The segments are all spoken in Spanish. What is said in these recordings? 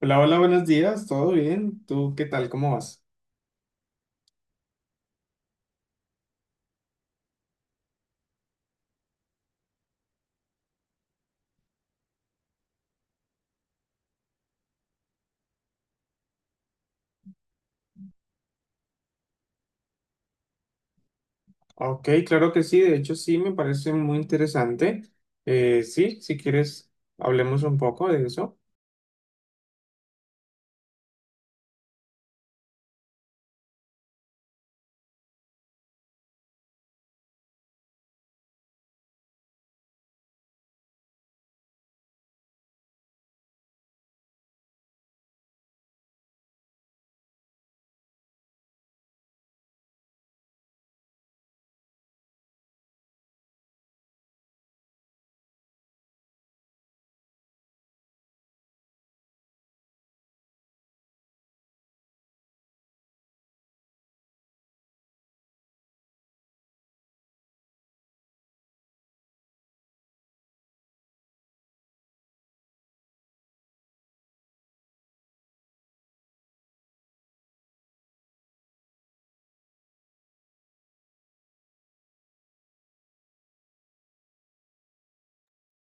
Hola, hola, buenos días, ¿todo bien? ¿Tú qué tal? ¿Cómo vas? Ok, claro que sí, de hecho sí, me parece muy interesante. Sí, si quieres, hablemos un poco de eso.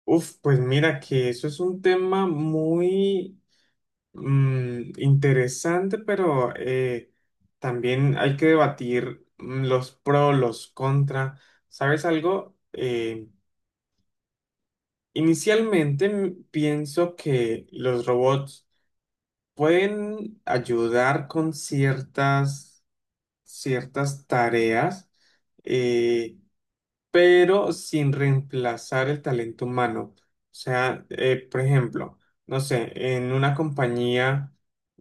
Uf, pues mira que eso es un tema muy interesante, pero también hay que debatir los pros, los contra. ¿Sabes algo? Inicialmente pienso que los robots pueden ayudar con ciertas tareas, eh, pero sin reemplazar el talento humano. O sea, por ejemplo, no sé, en una compañía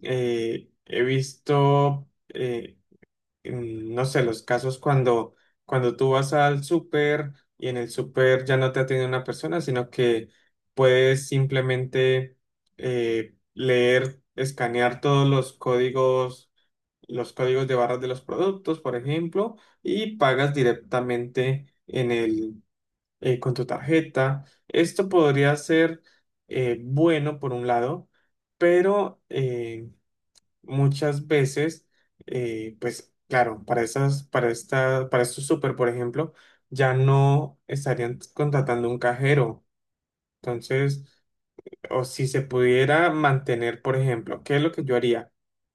he visto, no sé, los casos cuando tú vas al súper y en el súper ya no te atiende una persona, sino que puedes simplemente leer, escanear todos los códigos de barras de los productos, por ejemplo, y pagas directamente con tu tarjeta. Esto podría ser bueno por un lado, pero muchas veces, pues claro, para para estos súper, por ejemplo, ya no estarían contratando un cajero. Entonces, o si se pudiera mantener, por ejemplo, ¿qué es lo que yo haría?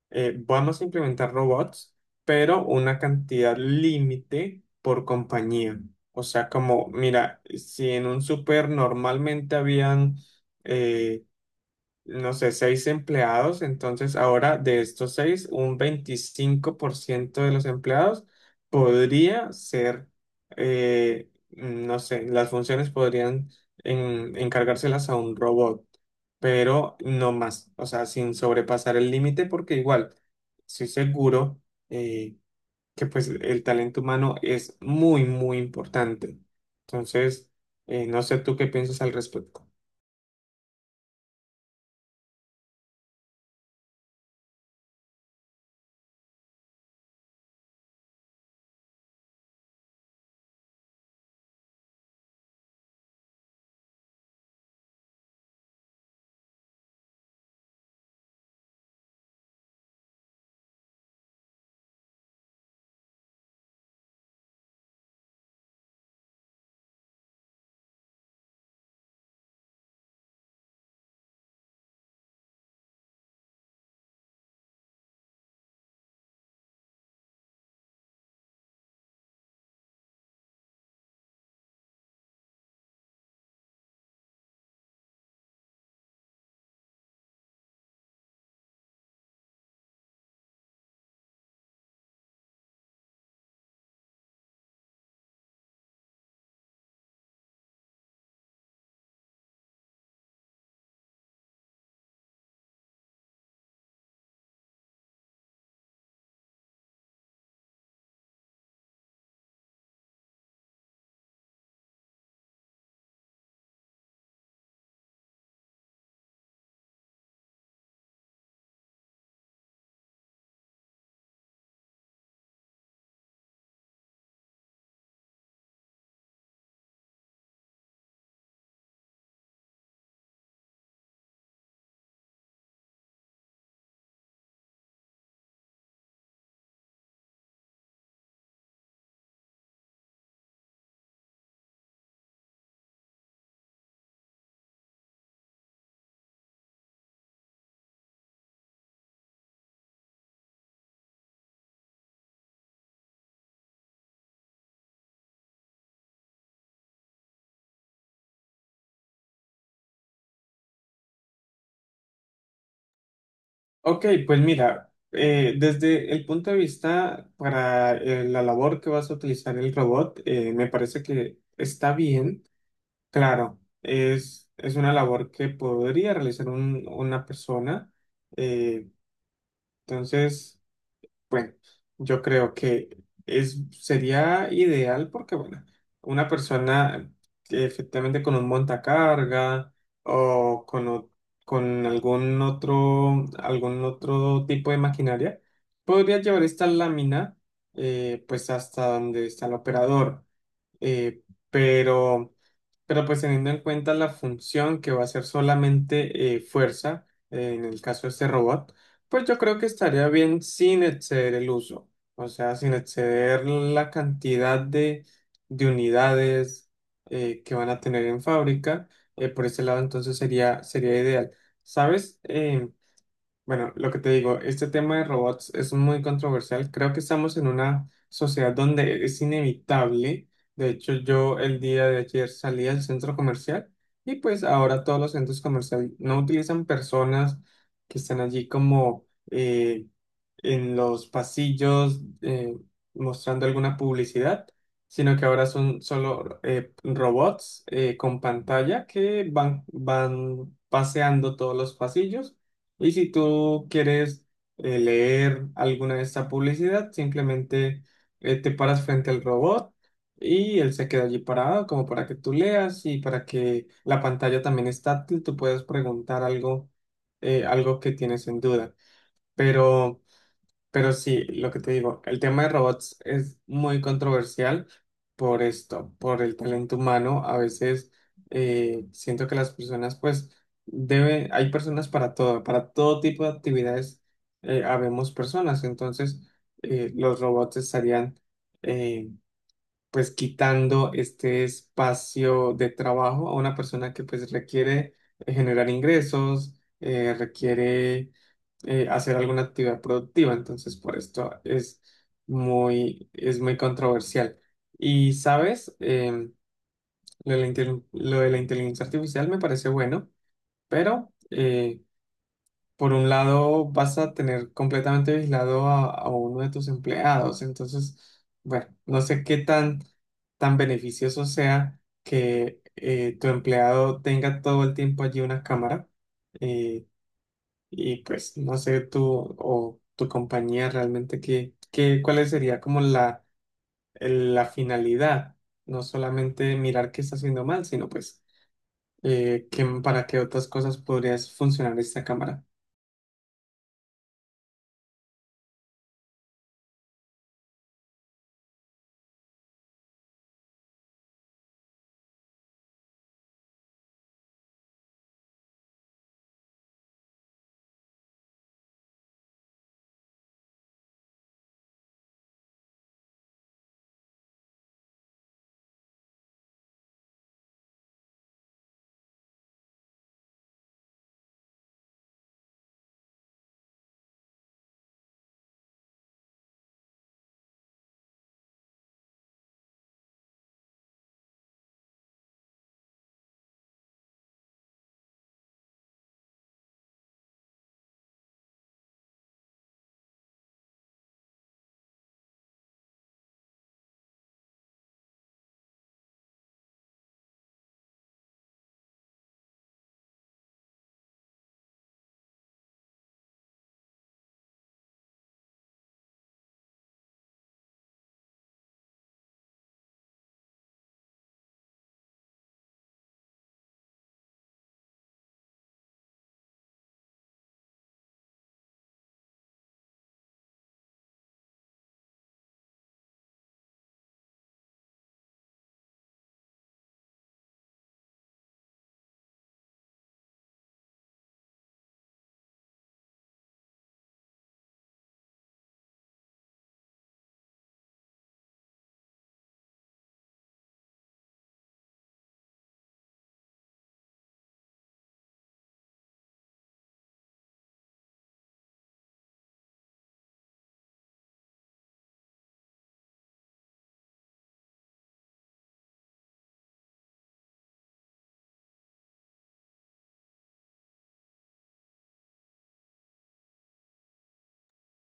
Vamos a implementar robots, pero una cantidad límite por compañía. O sea, como, mira, si en un súper normalmente habían eh, no sé, seis empleados, entonces ahora de estos seis, un 25% de los empleados podría ser, no sé, las funciones podrían encargárselas a un robot, pero no más, o sea, sin sobrepasar el límite, porque igual, estoy seguro eh, que pues el talento humano es muy, muy importante. Entonces, no sé tú qué piensas al respecto. Ok, pues mira, desde el punto de vista para la labor que vas a utilizar el robot, me parece que está bien. Claro, es una labor que podría realizar una persona. eh, entonces... Bueno, yo creo que sería ideal porque, bueno, una persona que efectivamente con un montacarga o con algún algún otro tipo de maquinaria podría llevar esta lámina pues hasta donde está el operador. Eh, pero pues teniendo en cuenta la función que va a ser solamente fuerza, en el caso de este robot, pues yo creo que estaría bien sin exceder el uso, o sea, sin exceder la cantidad de unidades que van a tener en fábrica, por ese lado entonces sería ideal. ¿Sabes? Bueno, lo que te digo, este tema de robots es muy controversial. Creo que estamos en una sociedad donde es inevitable. De hecho, yo el día de ayer salí al centro comercial y pues ahora todos los centros comerciales no utilizan personas que están allí como en los pasillos mostrando alguna publicidad, sino que ahora son solo robots con pantalla que van paseando todos los pasillos. Y si tú quieres leer alguna de esta publicidad, simplemente te paras frente al robot. Y él se queda allí parado como para que tú leas y para que la pantalla también es táctil, tú puedes preguntar algo, algo que tienes en duda. Pero sí, lo que te digo, el tema de robots es muy controversial por esto, por el talento humano. A veces siento que las personas, pues, hay personas para todo tipo de actividades, habemos personas. Entonces, los robots estarían, eh, pues, quitando este espacio de trabajo a una persona que, pues, requiere generar ingresos, requiere hacer alguna actividad productiva, entonces por esto es muy controversial. Y sabes, lo de lo de la inteligencia artificial me parece bueno, pero por un lado vas a tener completamente vigilado a uno de tus empleados, entonces, bueno, no sé qué tan beneficioso sea que tu empleado tenga todo el tiempo allí una cámara. eh, y pues no sé tú o tu compañía realmente cuál sería como la finalidad. No solamente mirar qué está haciendo mal, sino pues para qué otras cosas podría funcionar esta cámara.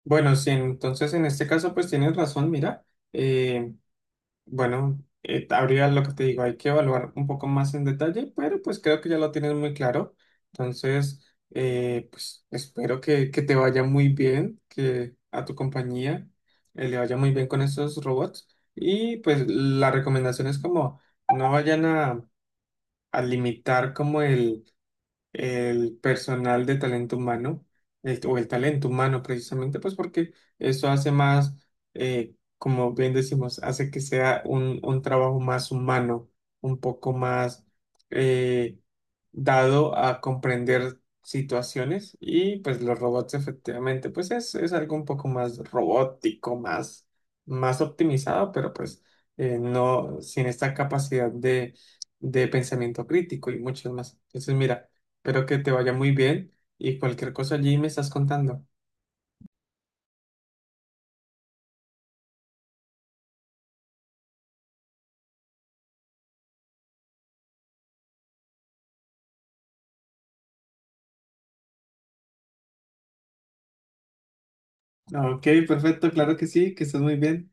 Bueno, sí, entonces en este caso pues tienes razón, mira. eh, Bueno, habría lo que te digo, hay que evaluar un poco más en detalle, pero pues creo que ya lo tienes muy claro. Entonces, pues espero que te vaya muy bien, que a tu compañía le vaya muy bien con estos robots. Y pues la recomendación es como no vayan a limitar como el personal de talento humano, o el talento humano precisamente, pues porque eso hace más, como bien decimos, hace que sea un trabajo más humano, un poco más eh, dado a comprender situaciones y pues los robots efectivamente pues es algo un poco más robótico, más, más optimizado, pero pues no sin esta capacidad de pensamiento crítico y muchas más. Entonces mira, espero que te vaya muy bien y cualquier cosa allí me estás contando. Ok, perfecto, claro que sí, que estás muy bien.